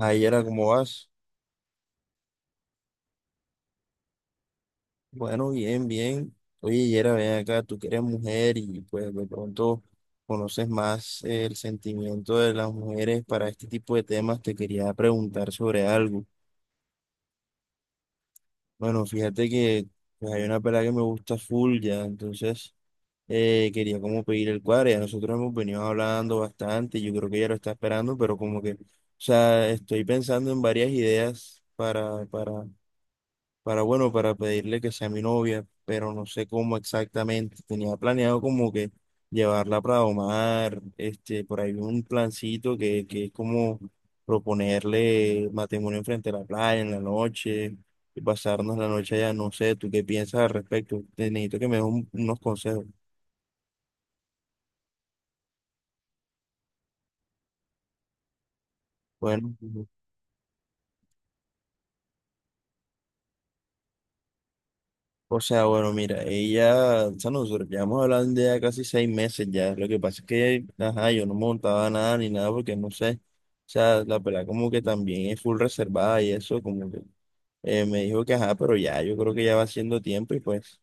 Ay, Yera, ¿cómo vas? Bueno, bien, bien. Oye, Yera, ven acá, tú que eres mujer y pues de pronto conoces más el sentimiento de las mujeres para este tipo de temas, te quería preguntar sobre algo. Bueno, fíjate que pues, hay una pelada que me gusta full ya, entonces quería como pedir el cuadro, ya nosotros hemos venido hablando bastante, yo creo que ella lo está esperando, pero como que, o sea, estoy pensando en varias ideas para, bueno, para pedirle que sea mi novia, pero no sé cómo exactamente. Tenía planeado como que llevarla para Omar, por ahí un plancito que es como proponerle matrimonio frente a la playa en la noche y pasarnos la noche allá. No sé, ¿tú qué piensas al respecto? Te necesito que me des unos consejos. Bueno. O sea, bueno, mira, ella, o sea, nosotros llevamos hablando ya casi 6 meses ya. Lo que pasa es que, ajá, yo no montaba nada ni nada porque no sé. O sea, la pelada como que también es full reservada y eso, como que me dijo que ajá, pero ya, yo creo que ya va siendo tiempo y pues,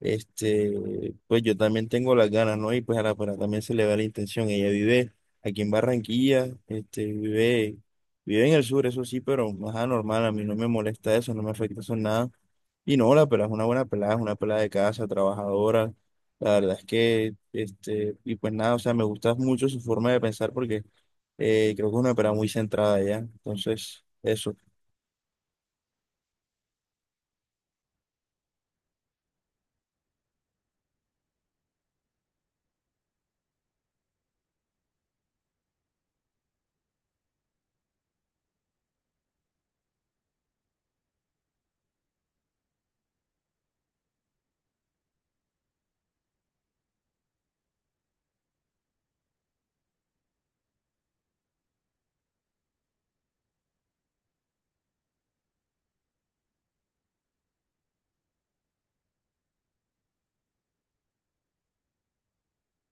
pues yo también tengo las ganas, ¿no? Y pues a la pelada también se le va la intención. Ella vive aquí en Barranquilla, vive en el sur, eso sí, pero ajá, normal, a mí no me molesta eso, no me afecta eso en nada. Y no, la pelada es una buena pelada, es una pelada de casa, trabajadora. La verdad es que, y pues nada, o sea, me gusta mucho su forma de pensar porque creo que es una pelada muy centrada ya. Entonces, eso.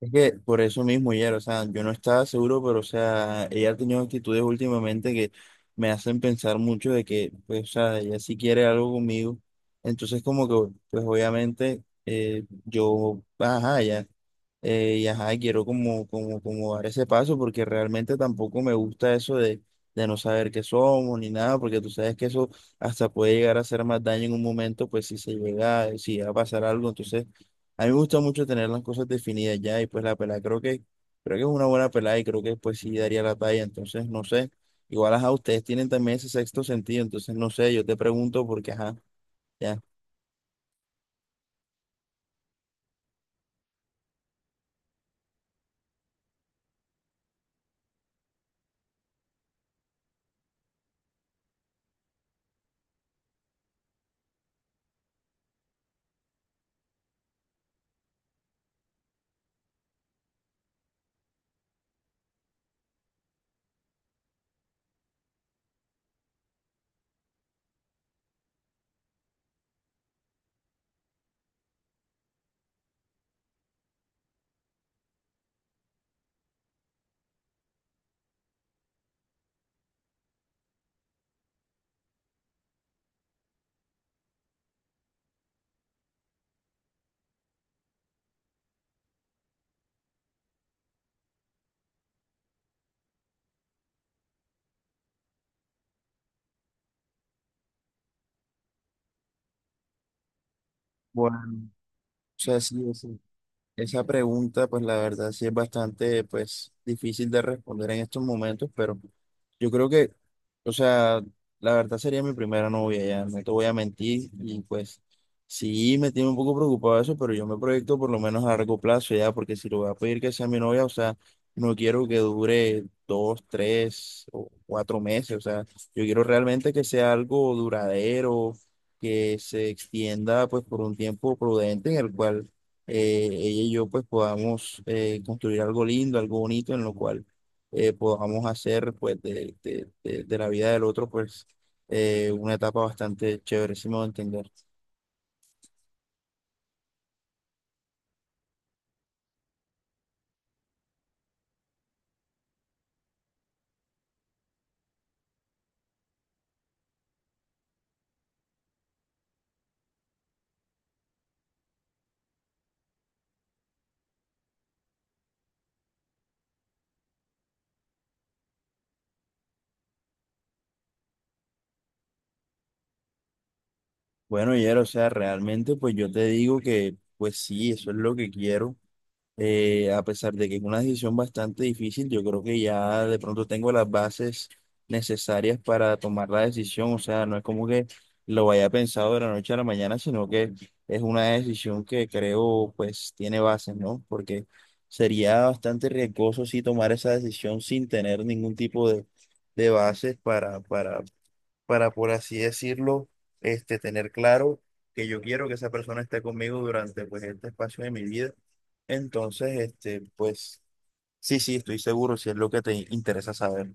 Es que por eso mismo, ya, o sea, yo no estaba seguro, pero, o sea, ella ha tenido actitudes últimamente que me hacen pensar mucho de que, pues, o sea, ella sí quiere algo conmigo. Entonces, como que, pues, obviamente, yo, ajá, ya. Y ajá, quiero como dar ese paso porque realmente tampoco me gusta eso de no saber qué somos ni nada, porque tú sabes que eso hasta puede llegar a hacer más daño en un momento, pues si se llega, si llega a pasar algo. Entonces, a mí me gusta mucho tener las cosas definidas ya y pues la pelada creo que es una buena pelada y creo que pues sí daría la talla. Entonces, no sé, igual ajá, ustedes tienen también ese sexto sentido, entonces no sé, yo te pregunto porque ajá, ya. Bueno, o sea, sí, sí. Esa pregunta, pues la verdad sí es bastante, pues, difícil de responder en estos momentos, pero yo creo que, o sea, la verdad sería mi primera novia ya, no te voy a mentir, y pues sí me tiene un poco preocupado eso, pero yo me proyecto por lo menos a largo plazo ya, porque si lo voy a pedir que sea mi novia, o sea, no quiero que dure 2, 3 o 4 meses, o sea, yo quiero realmente que sea algo duradero, que se extienda pues por un tiempo prudente en el cual ella y yo pues podamos construir algo lindo, algo bonito en lo cual podamos hacer pues de la vida del otro pues una etapa bastante chévere, si me voy a entender. Bueno, Yero, o sea, realmente pues yo te digo que pues sí, eso es lo que quiero. A pesar de que es una decisión bastante difícil, yo creo que ya de pronto tengo las bases necesarias para tomar la decisión. O sea, no es como que lo haya pensado de la noche a la mañana, sino que es una decisión que creo pues tiene bases, ¿no? Porque sería bastante riesgoso si tomar esa decisión sin tener ningún tipo de bases para, por así decirlo, tener claro que yo quiero que esa persona esté conmigo durante, pues, este espacio de mi vida. Entonces, pues, sí, sí, estoy seguro si es lo que te interesa saber.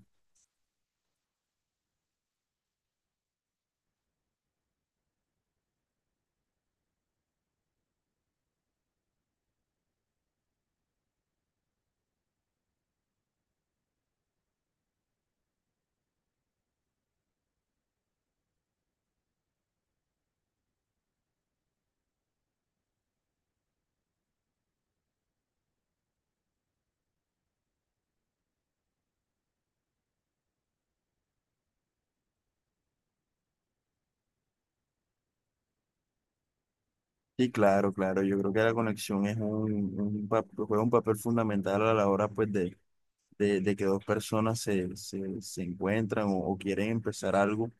Sí, claro, claro. Yo creo que la conexión es un juega un papel fundamental a la hora pues, de que dos personas se encuentran o quieren empezar algo.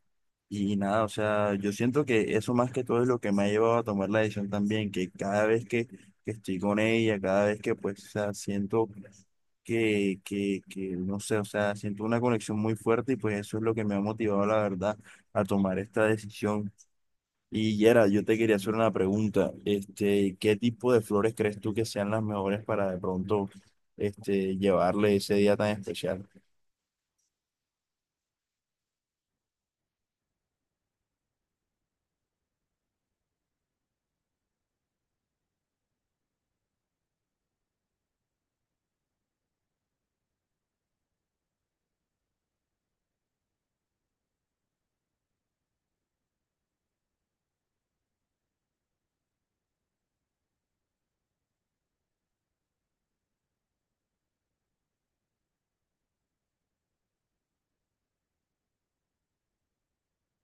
Y nada, o sea, yo siento que eso más que todo es lo que me ha llevado a tomar la decisión también, que cada vez que estoy con ella, cada vez que pues, o sea, siento que, no sé, o sea, siento una conexión muy fuerte y pues eso es lo que me ha motivado, la verdad, a tomar esta decisión. Y Yera, yo te quería hacer una pregunta, ¿qué tipo de flores crees tú que sean las mejores para de pronto, llevarle ese día tan especial?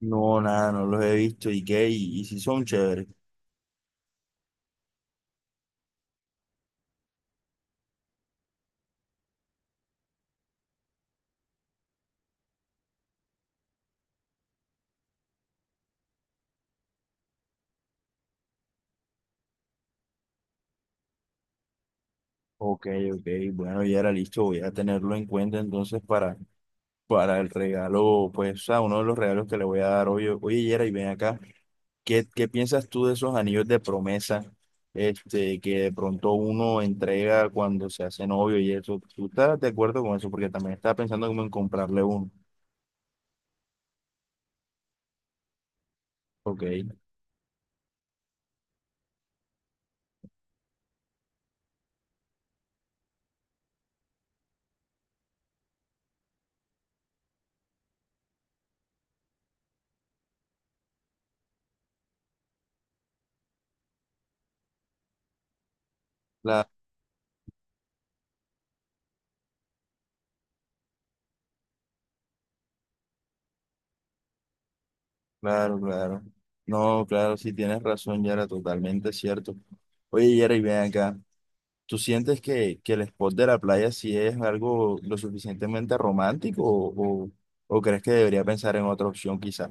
No, nada, no los he visto, ¿y qué? ¿Y si son chéveres? Ok, ok, bueno, ya era listo, voy a tenerlo en cuenta entonces para el regalo, pues, o sea, uno de los regalos que le voy a dar hoy. Oye, Yera, y ven acá, ¿qué piensas tú de esos anillos de promesa, que de pronto uno entrega cuando se hace novio y eso? ¿Tú estás de acuerdo con eso? Porque también estaba pensando como en comprarle uno. Ok, claro, claro, claro. No, claro, sí tienes razón, Yera, totalmente cierto. Oye, Yera, y ven acá. ¿Tú sientes que el spot de la playa sí es algo lo suficientemente romántico o, o crees que debería pensar en otra opción quizás?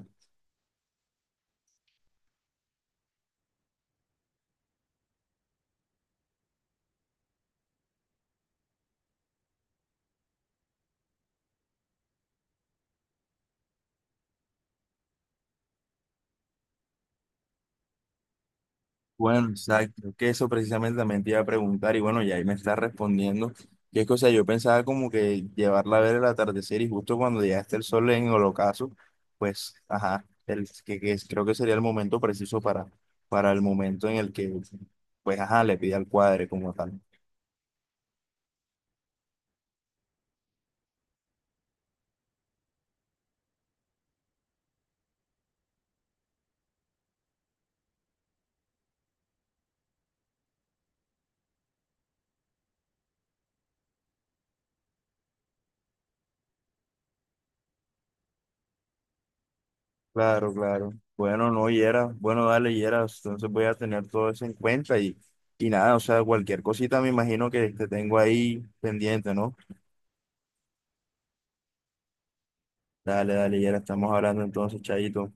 Bueno, exacto, que eso precisamente también te iba a preguntar y bueno, ya ahí me estás respondiendo. Que es que, o sea, yo pensaba como que llevarla a ver el atardecer y justo cuando ya esté el sol en el ocaso, pues, ajá, el, que es- creo que sería el momento preciso para el momento en el que, pues, ajá, le pide al cuadre como tal. Claro, claro. Bueno, no, Yera. Bueno, dale, Yera. Entonces voy a tener todo eso en cuenta y nada, o sea, cualquier cosita me imagino que te tengo ahí pendiente, ¿no? Dale, dale, Yera. Estamos hablando entonces, Chayito.